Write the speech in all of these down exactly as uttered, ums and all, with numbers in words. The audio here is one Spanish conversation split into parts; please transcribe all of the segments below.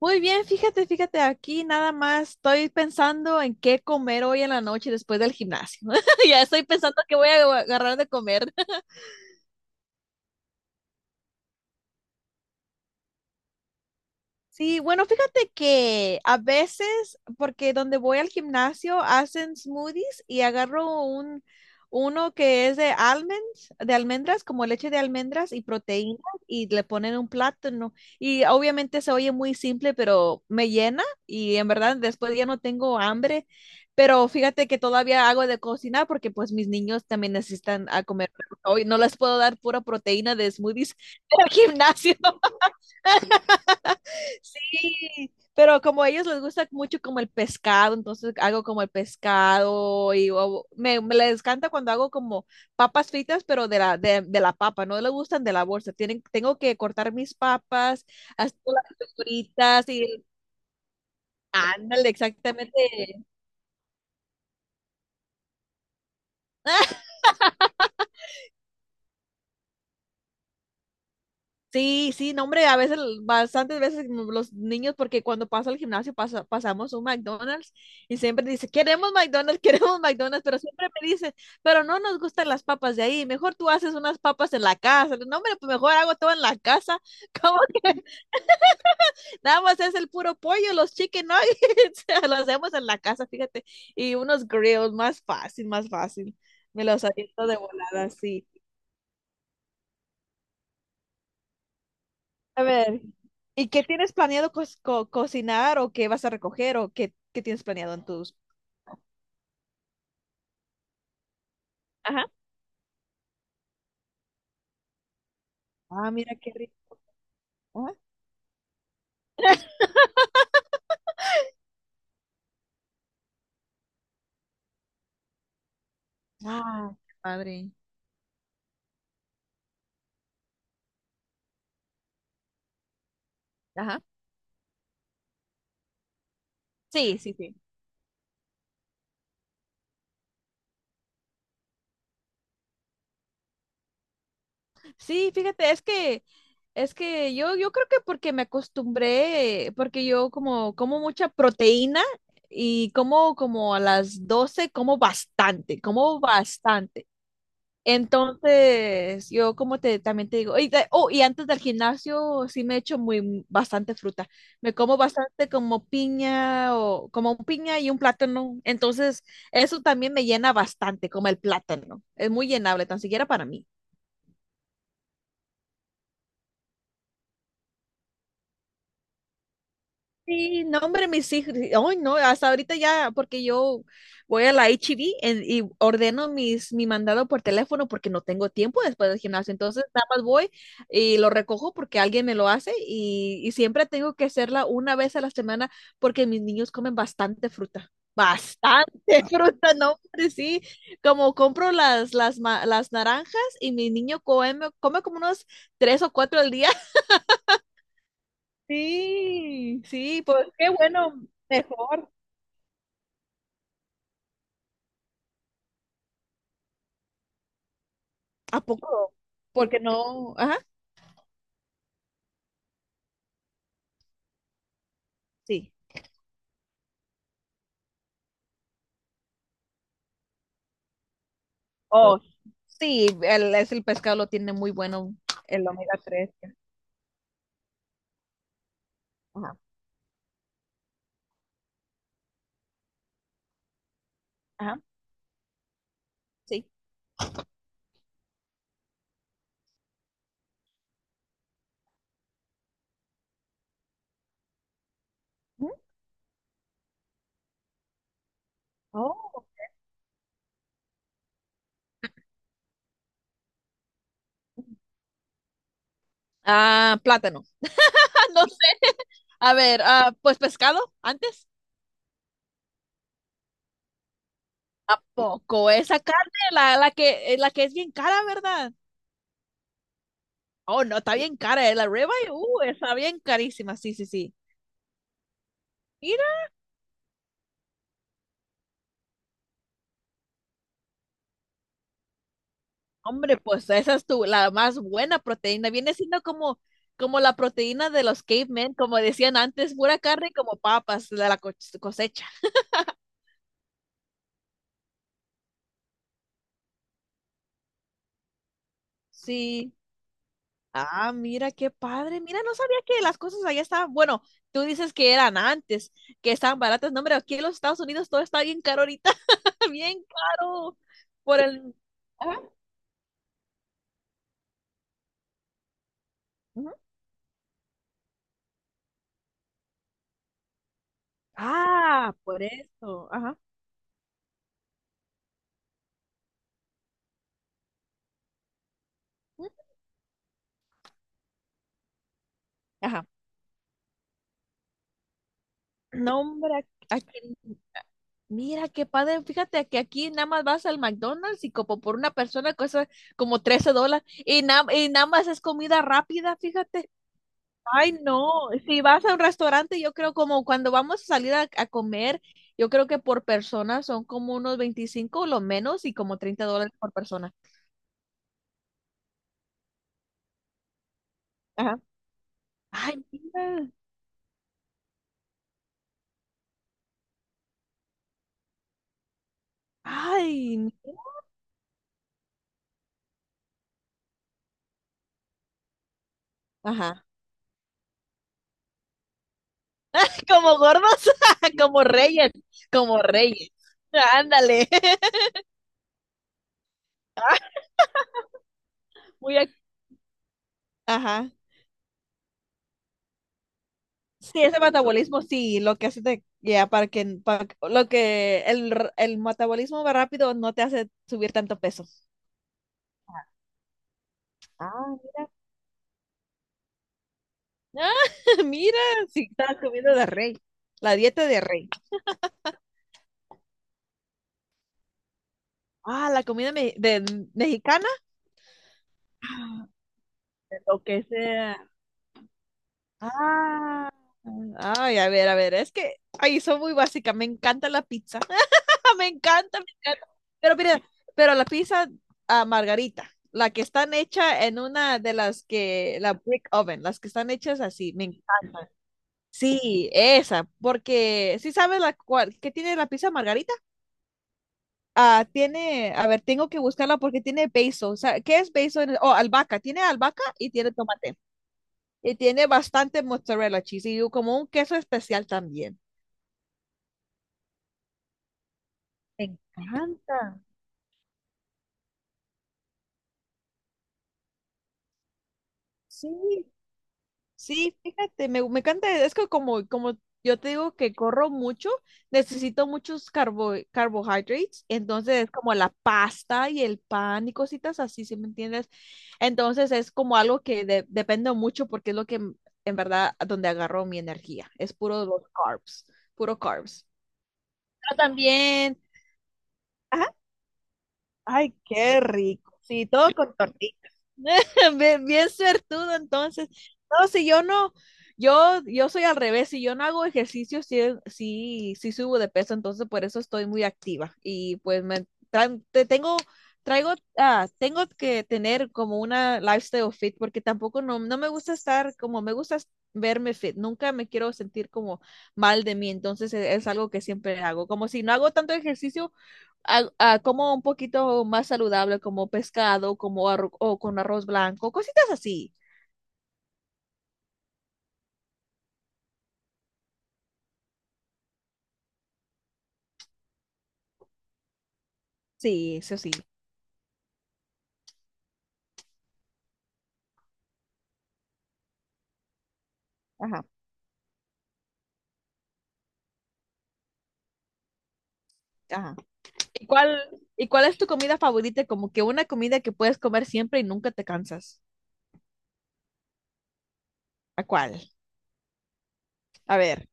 Muy bien, fíjate, fíjate, aquí nada más estoy pensando en qué comer hoy en la noche después del gimnasio. Ya estoy pensando qué voy a agarrar de comer. Sí, bueno, fíjate que a veces, porque donde voy al gimnasio hacen smoothies y agarro un, uno que es de almonds, de almendras, como leche de almendras y proteínas, y le ponen un plátano. Y obviamente se oye muy simple, pero me llena y en verdad después ya no tengo hambre. Pero fíjate que todavía hago de cocinar porque pues mis niños también necesitan a comer. Hoy no les puedo dar pura proteína de smoothies del gimnasio. Sí, pero como a ellos les gusta mucho como el pescado, entonces hago como el pescado y o- me, me les encanta cuando hago como papas fritas, pero de la, de, de la papa, no les gustan de la bolsa. Tienen, tengo que cortar mis papas, hacer las fritas y ándale, exactamente. Sí, sí, no, hombre, a veces, bastantes veces mm, los niños, porque cuando paso al gimnasio pasa- pasamos un McDonald's y siempre dice, queremos McDonald's, queremos McDonald's, pero siempre me dicen, pero no nos gustan las papas de ahí, mejor tú haces unas papas en la casa. No, hombre, pues mejor hago todo en la casa, como que nada más es el puro pollo, los chicken nuggets, lo hacemos en la casa, fíjate, y unos grills, más fácil, más fácil. Me los aviento de volada, sí. A ver, ¿y qué tienes planeado co- co- cocinar o qué vas a recoger o qué, qué tienes planeado en tus... Ajá. Ah, mira qué rico. Ah, ah, qué padre. Ajá. Sí, sí, sí. Sí, fíjate, es que es que yo yo creo que porque me acostumbré, porque yo como como mucha proteína y como como a las doce como bastante, como bastante. Entonces, yo como te también te digo, y, de- oh, y antes del gimnasio sí me echo muy bastante fruta. Me como bastante como piña o como un piña y un plátano. Entonces, eso también me llena bastante, como el plátano. Es muy llenable, tan siquiera para mí. Sí, no, hombre, mis hijos, hoy no, hasta ahorita ya, porque yo voy a la H E H B y ordeno mis, mi mandado por teléfono porque no tengo tiempo después del gimnasio, entonces nada más voy y lo recojo porque alguien me lo hace y, y siempre tengo que hacerla una vez a la semana porque mis niños comen bastante fruta, bastante fruta, no, hombre, sí, como compro las, las, ma- las naranjas y mi niño come, come como unos tres o cuatro al día. Sí, sí, pues qué bueno, mejor. ¿A poco? Porque no, ajá, sí. Oh, Oh, sí, el, es el pescado lo tiene muy bueno, el omega tres. Ajá, ajá, sí. Ujú. Oh. Ah, plátano. No sé. A ver, ah, pues pescado antes. ¿A poco? Esa carne, la, la que, eh, la que es bien cara, ¿verdad? Oh, no, está bien cara, eh, la ribeye, uh, está bien carísima, sí, sí, sí. Hombre, pues esa es tu, la más buena proteína. Viene siendo como, como la proteína de los cavemen, como decían antes, pura carne como papas de la co- cosecha. Sí. Ah, mira qué padre. Mira, no sabía que las cosas allá estaban. Bueno, tú dices que eran antes, que estaban baratas. No, hombre, aquí en los Estados Unidos todo está bien caro ahorita, bien caro. Por el. Ajá, ujú. Ah, por eso. Ajá. Ujú. Ajá. No, hombre, aquí. Mira qué padre, fíjate que aquí nada más vas al McDonald's y como por una persona cuesta como trece dólares y, na- y nada más es comida rápida, fíjate. Ay, no, si vas a un restaurante, yo creo como cuando vamos a salir a, a comer, yo creo que por persona son como unos veinticinco o lo menos y como treinta dólares por persona. Ajá. Ay, mira. Ay, mira. Ajá. Como gordos, como reyes, como reyes. Ándale. Muy ac- Ajá. Sí, ese metabolismo, sí, lo que hace te, ya, para que, para que- lo que, el, r- el metabolismo va rápido no te hace subir tanto peso. Ah, Ah, mira, sí, estaba comiendo de rey, la dieta de rey. Ah, la comida me- de- mexicana. Ah, de lo que sea. Ah, ay, a ver, a ver, es que, ay, soy muy básica, me encanta la pizza. Me encanta, me encanta. Pero mira, pero la pizza a margarita, la que están hecha en una de las que, la brick oven, las que están hechas así, me encanta. Sí, esa, porque si sabes la cual, ¿qué tiene la pizza margarita? Ah, tiene, a ver, tengo que buscarla porque tiene basil. O sea, ¿qué es basil? en- Oh, albahaca, tiene albahaca y tiene tomate. Y tiene bastante mozzarella cheese y como un queso especial también. Me encanta. Sí. Sí, fíjate, me, me encanta, es que como, como yo te digo que corro mucho, necesito muchos carbo, carbohydrates, entonces es como la pasta y el pan y cositas así, ¿sí me entiendes? Entonces es como algo que de- depende mucho porque es lo que en en verdad donde agarro mi energía, es puro los carbs, puro carbs. Pero también... Ay, qué rico. Sí, todo con tortitas. Bien, bien suertudo, entonces. No, si yo no, yo, yo soy al revés, si yo no hago ejercicio, sí, sí, sí subo de peso, entonces por eso estoy muy activa. Y pues me tra- te tengo, traigo, ah, tengo que tener como una lifestyle fit, porque tampoco no, no me gusta estar como me gusta es- verme fit, nunca me quiero sentir como mal de mí, entonces e- es algo que siempre hago. Como si no hago tanto ejercicio, a- a como un poquito más saludable, como pescado, como arro- o con arroz blanco, cositas así. Sí, eso sí. Ajá, ajá. ¿Y cuál, y cuál es tu comida favorita? Como que una comida que puedes comer siempre y nunca te cansas. ¿A cuál? A ver,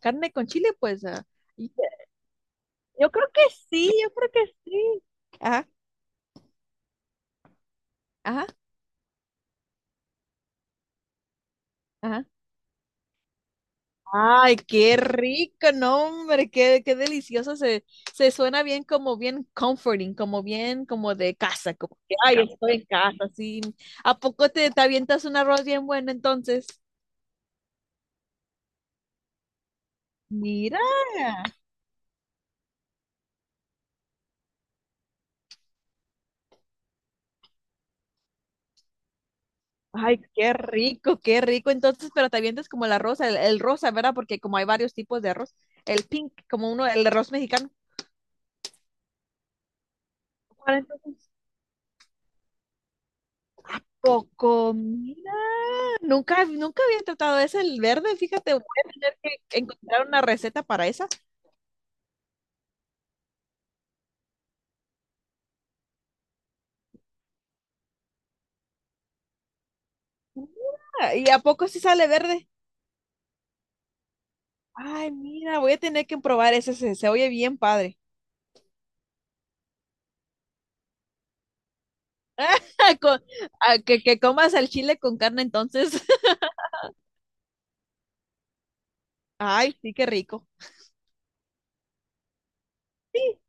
carne con chile, pues. ah, y- yo creo que sí, yo creo que sí. Ajá, ajá, ajá. Ay, qué rico, no, hombre, qué, qué delicioso. Se, se suena bien como bien comforting, como bien como de casa, como que, ay, estoy en casa, sí. ¿A poco te, te avientas un arroz bien bueno entonces? Mira. Ay, qué rico, qué rico. Entonces, pero te avientas como el arroz, el, el rosa, ¿verdad? Porque como hay varios tipos de arroz, el pink, como uno, el arroz mexicano. Ahora entonces, coco, mira, nunca, nunca había tratado ese, el verde, fíjate, voy a tener que encontrar una receta para esa. Mira. ¿Y a poco sí sale verde? Ay, mira, voy a tener que probar ese, se, se oye bien padre. Con- ah, que, que comas el chile con carne entonces. Ay, sí, qué rico.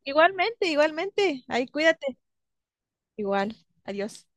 Igualmente, igualmente. Ay, cuídate. Igual. Adiós.